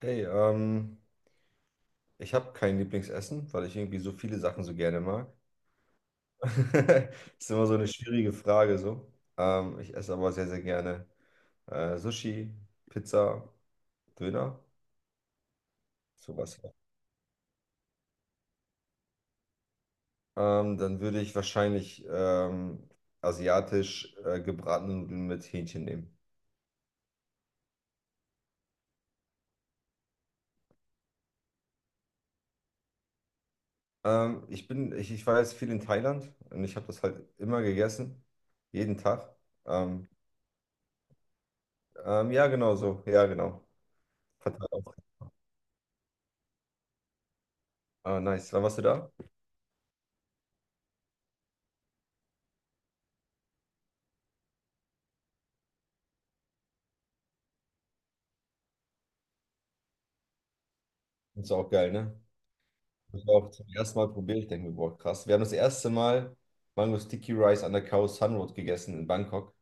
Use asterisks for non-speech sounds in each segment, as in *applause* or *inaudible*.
Hey, ich habe kein Lieblingsessen, weil ich irgendwie so viele Sachen so gerne mag. *laughs* Ist immer so eine schwierige Frage so. Ich esse aber sehr, sehr gerne Sushi, Pizza, Döner, sowas. Dann würde ich wahrscheinlich asiatisch gebratene Nudeln mit Hähnchen nehmen. Ich war jetzt viel in Thailand und ich habe das halt immer gegessen, jeden Tag. Ähm, ja, genau so, ja, genau. Verteilt auf- Ah, nice. Wann warst du da? Das ist auch geil, ne? Das war auch zum ersten Mal probiert. Ich denke mir, boah, krass. Wir haben das erste Mal Mango Sticky Rice an der Khao San Road gegessen in Bangkok.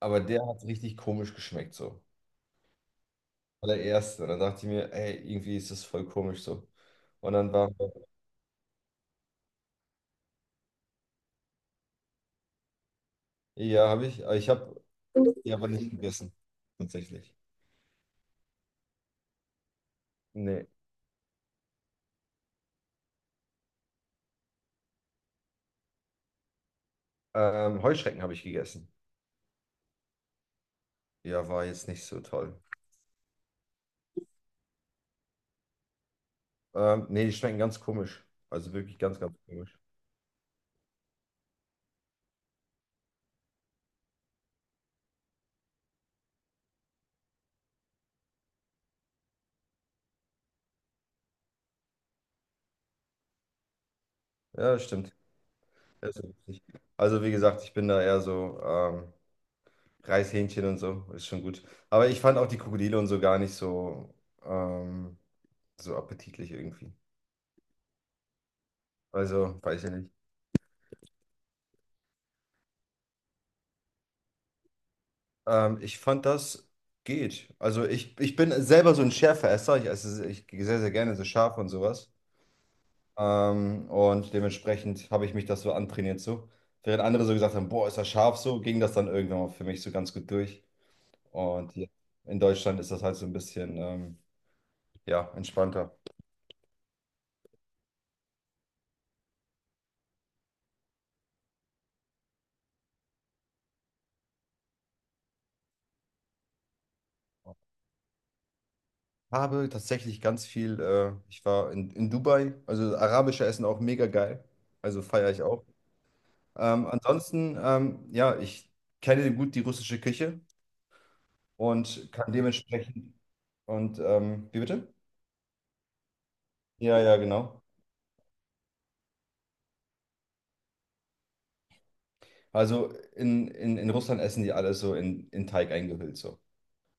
Aber der hat richtig komisch geschmeckt, so. Allererste. Und dann dachte ich mir, ey, irgendwie ist das voll komisch so. Und dann war, ja, habe ich, ja, aber nicht gegessen. Tatsächlich. Nee. Heuschrecken habe ich gegessen. Ja, war jetzt nicht so toll. Nee, die schmecken ganz komisch. Also wirklich ganz, ganz komisch. Ja, das stimmt. Das ist richtig. Also, wie gesagt, ich bin da eher so, Reishähnchen und so, ist schon gut. Aber ich fand auch die Krokodile und so gar nicht so, ähm, so appetitlich irgendwie. Also, weiß ich nicht. Das geht. Ich bin selber so ein Schärfeesser. Ich esse ich sehr, sehr gerne so scharf und sowas. Und dementsprechend habe ich mich das so antrainiert so. Während andere so gesagt haben, boah, ist das scharf so, ging das dann irgendwann mal für mich so ganz gut durch. Und hier in Deutschland ist das halt so ein bisschen, ja, entspannter. Habe tatsächlich ganz viel, ich war in Dubai, also arabische Essen auch mega geil, also feiere ich auch. Ja, ich kenne gut die russische Küche und kann dementsprechend, und wie bitte? Ja, ja, genau. Also in Russland essen die alles so in Teig eingehüllt so.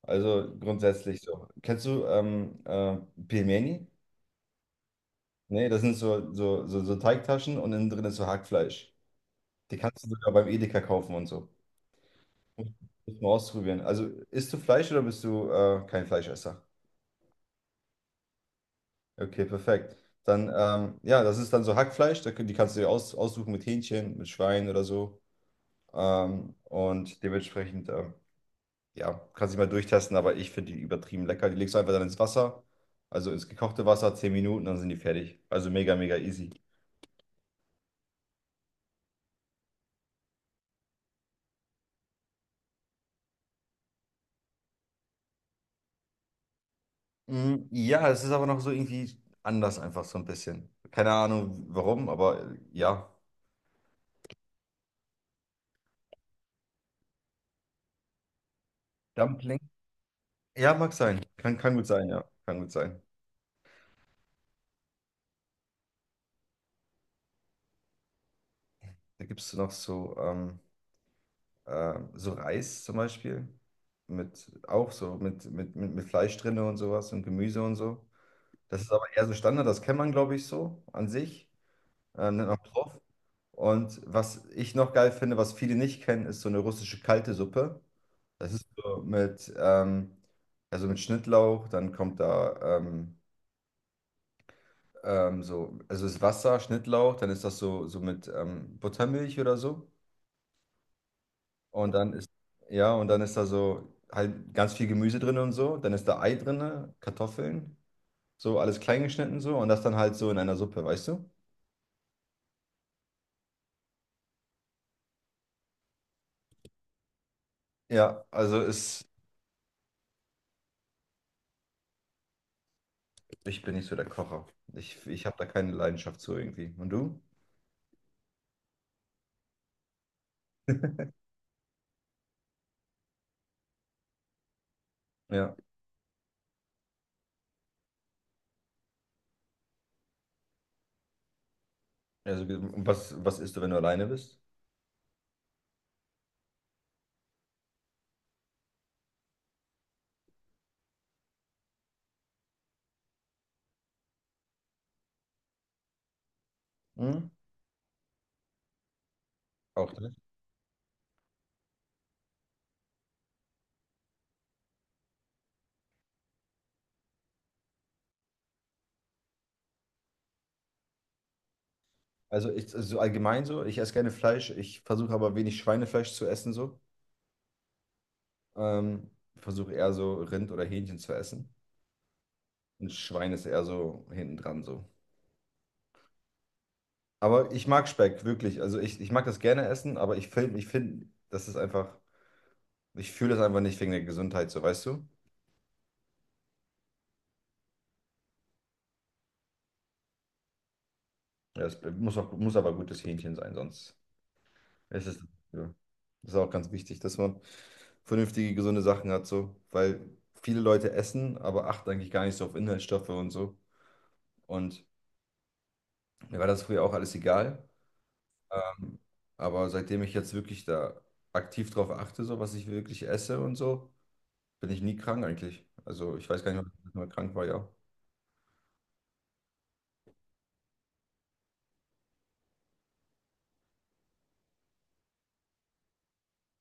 Also grundsätzlich so. Kennst du Pelmeni? Nee, das sind so Teigtaschen und innen drin ist so Hackfleisch. Die kannst du sogar beim Edeka kaufen und so. Muss muss man ausprobieren. Also isst du Fleisch oder bist du kein Fleischesser? Okay, perfekt. Dann, ja, das ist dann so Hackfleisch, da, die kannst du dir aus, aussuchen mit Hähnchen, mit Schwein oder so. Ähm, und dementsprechend, ähm, ja, kannst dich mal durchtesten, aber ich finde die übertrieben lecker. Die legst du einfach dann ins Wasser, also ins gekochte Wasser, 10 Minuten, dann sind die fertig. Also mega, mega easy. Mm, ja, es ist aber noch so irgendwie anders einfach so ein bisschen. Keine Ahnung warum, aber ja. Dumpling. Ja, mag sein. Kann gut sein, ja. Kann gut sein. Da gibt es noch so so Reis zum Beispiel. Mit, auch so mit Fleisch drinne und sowas und Gemüse und so. Das ist aber eher so Standard, das kennt man, glaube ich, so an sich. Nennt man Plov. Und was ich noch geil finde, was viele nicht kennen, ist so eine russische kalte Suppe. Das ist so mit, Also mit Schnittlauch, dann kommt da so, also ist Wasser, Schnittlauch, dann ist das so, so mit Buttermilch oder so. Und dann ist, ja, und dann ist da so halt ganz viel Gemüse drin und so. Dann ist da Ei drin, Kartoffeln, so alles klein geschnitten so. Und das dann halt so in einer Suppe, weißt du? Ja, also ist, Ich bin nicht so der Kocher. Ich habe da keine Leidenschaft zu irgendwie. Und du? Ja. Also, was isst du, wenn du alleine bist? Hm? Auch das. So allgemein so, ich esse gerne Fleisch. Ich versuche aber wenig Schweinefleisch zu essen so. Ähm, Versuche eher so Rind oder Hähnchen zu essen. Und Schwein ist eher so hinten dran so. Aber ich mag Speck, wirklich. Also ich mag das gerne essen, aber ich finde, das ist einfach, ich fühle das einfach nicht wegen der Gesundheit, so weißt du? Ja, muss aber gutes Hähnchen sein, sonst ist es. Ja. Das ist auch ganz wichtig, dass man vernünftige, gesunde Sachen hat, so. Weil viele Leute essen, aber achten eigentlich gar nicht so auf Inhaltsstoffe und so. Und mir war das früher auch alles egal. Ähm, aber seitdem ich jetzt wirklich da aktiv drauf achte, so was ich wirklich esse und so, bin ich nie krank eigentlich. Also ich weiß gar nicht, wann ich mal krank war, ja.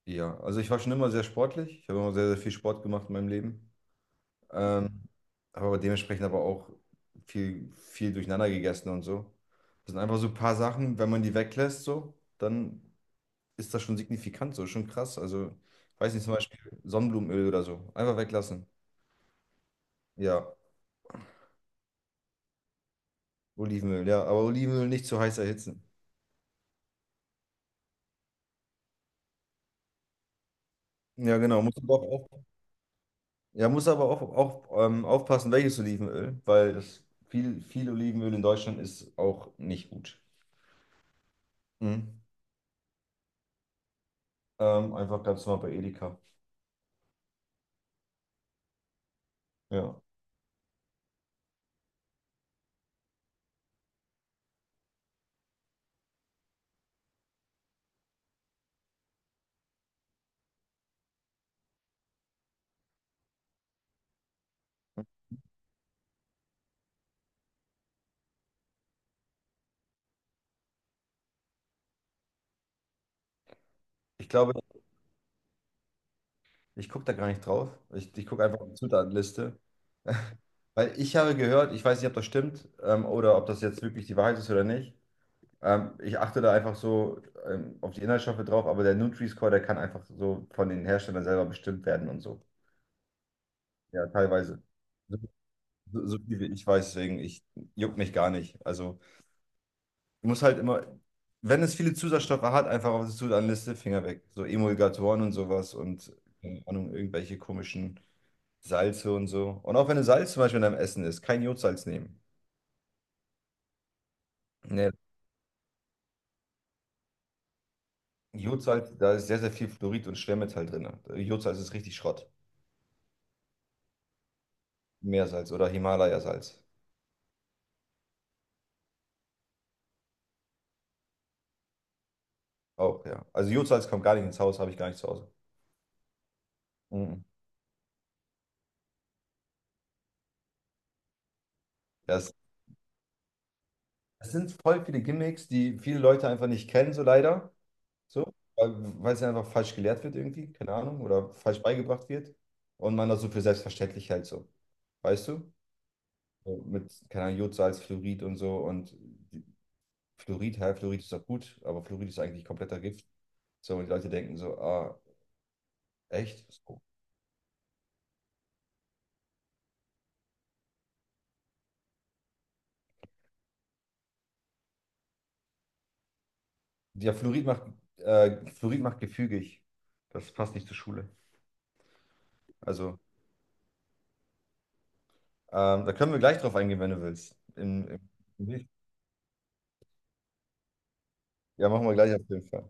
Ja, also ich war schon immer sehr sportlich. Ich habe immer sehr, sehr viel Sport gemacht in meinem Leben. Ähm, habe aber dementsprechend auch viel, viel durcheinander gegessen und so. Das sind einfach so ein paar Sachen, wenn man die weglässt, so, dann ist das schon signifikant, so, schon krass. Also, ich weiß nicht, zum Beispiel Sonnenblumenöl oder so. Einfach weglassen. Ja. Olivenöl, ja, aber Olivenöl nicht zu heiß erhitzen. Ja, genau. Muss aber auch, auf- Ja, muss aber auch, auch aufpassen, welches Olivenöl, weil das viel, viel Olivenöl in Deutschland ist auch nicht gut. Mhm. Einfach ganz normal bei Edeka. Ja. Ich glaube, ich gucke da gar nicht drauf. Ich gucke einfach auf die Zutatenliste. *laughs* Weil ich habe gehört, ich weiß nicht, ob das stimmt, oder ob das jetzt wirklich die Wahrheit ist oder nicht. Ich achte da einfach so auf die Inhaltsstoffe drauf, aber der Nutri-Score, der kann einfach so von den Herstellern selber bestimmt werden und so. Ja, teilweise. So, so viel wie ich weiß, deswegen, ich juckt mich gar nicht. Also, ich muss halt immer, wenn es viele Zusatzstoffe hat, einfach auf die Zutatenliste, Finger weg. So Emulgatoren und sowas und, keine Ahnung, irgendwelche komischen Salze und so. Und auch wenn ein Salz zum Beispiel in deinem Essen ist, kein Jodsalz nehmen. Nee, Jodsalz, da ist sehr, sehr viel Fluorid und Schwermetall drin. Jodsalz ist richtig Schrott. Meersalz oder Himalayasalz. Auch, ja. Also Jodsalz kommt gar nicht ins Haus, habe ich gar nicht zu Hause. Mhm. Das, das sind voll viele Gimmicks, die viele Leute einfach nicht kennen, so leider. So, weil es ja einfach falsch gelehrt wird irgendwie, keine Ahnung, oder falsch beigebracht wird. Und man das so für selbstverständlich hält, so. Weißt du? So mit, keine Ahnung, Jodsalz, Fluorid und so. Die- Fluorid, hä, Fluorid ist doch gut, aber Fluorid ist eigentlich kompletter Gift. So, und die Leute denken so, ah, echt? So. Ja, Fluorid macht gefügig. Das passt nicht zur Schule. Also, da können wir gleich drauf eingehen, wenn du willst. Im, ja, machen wir gleich auf jeden Fall.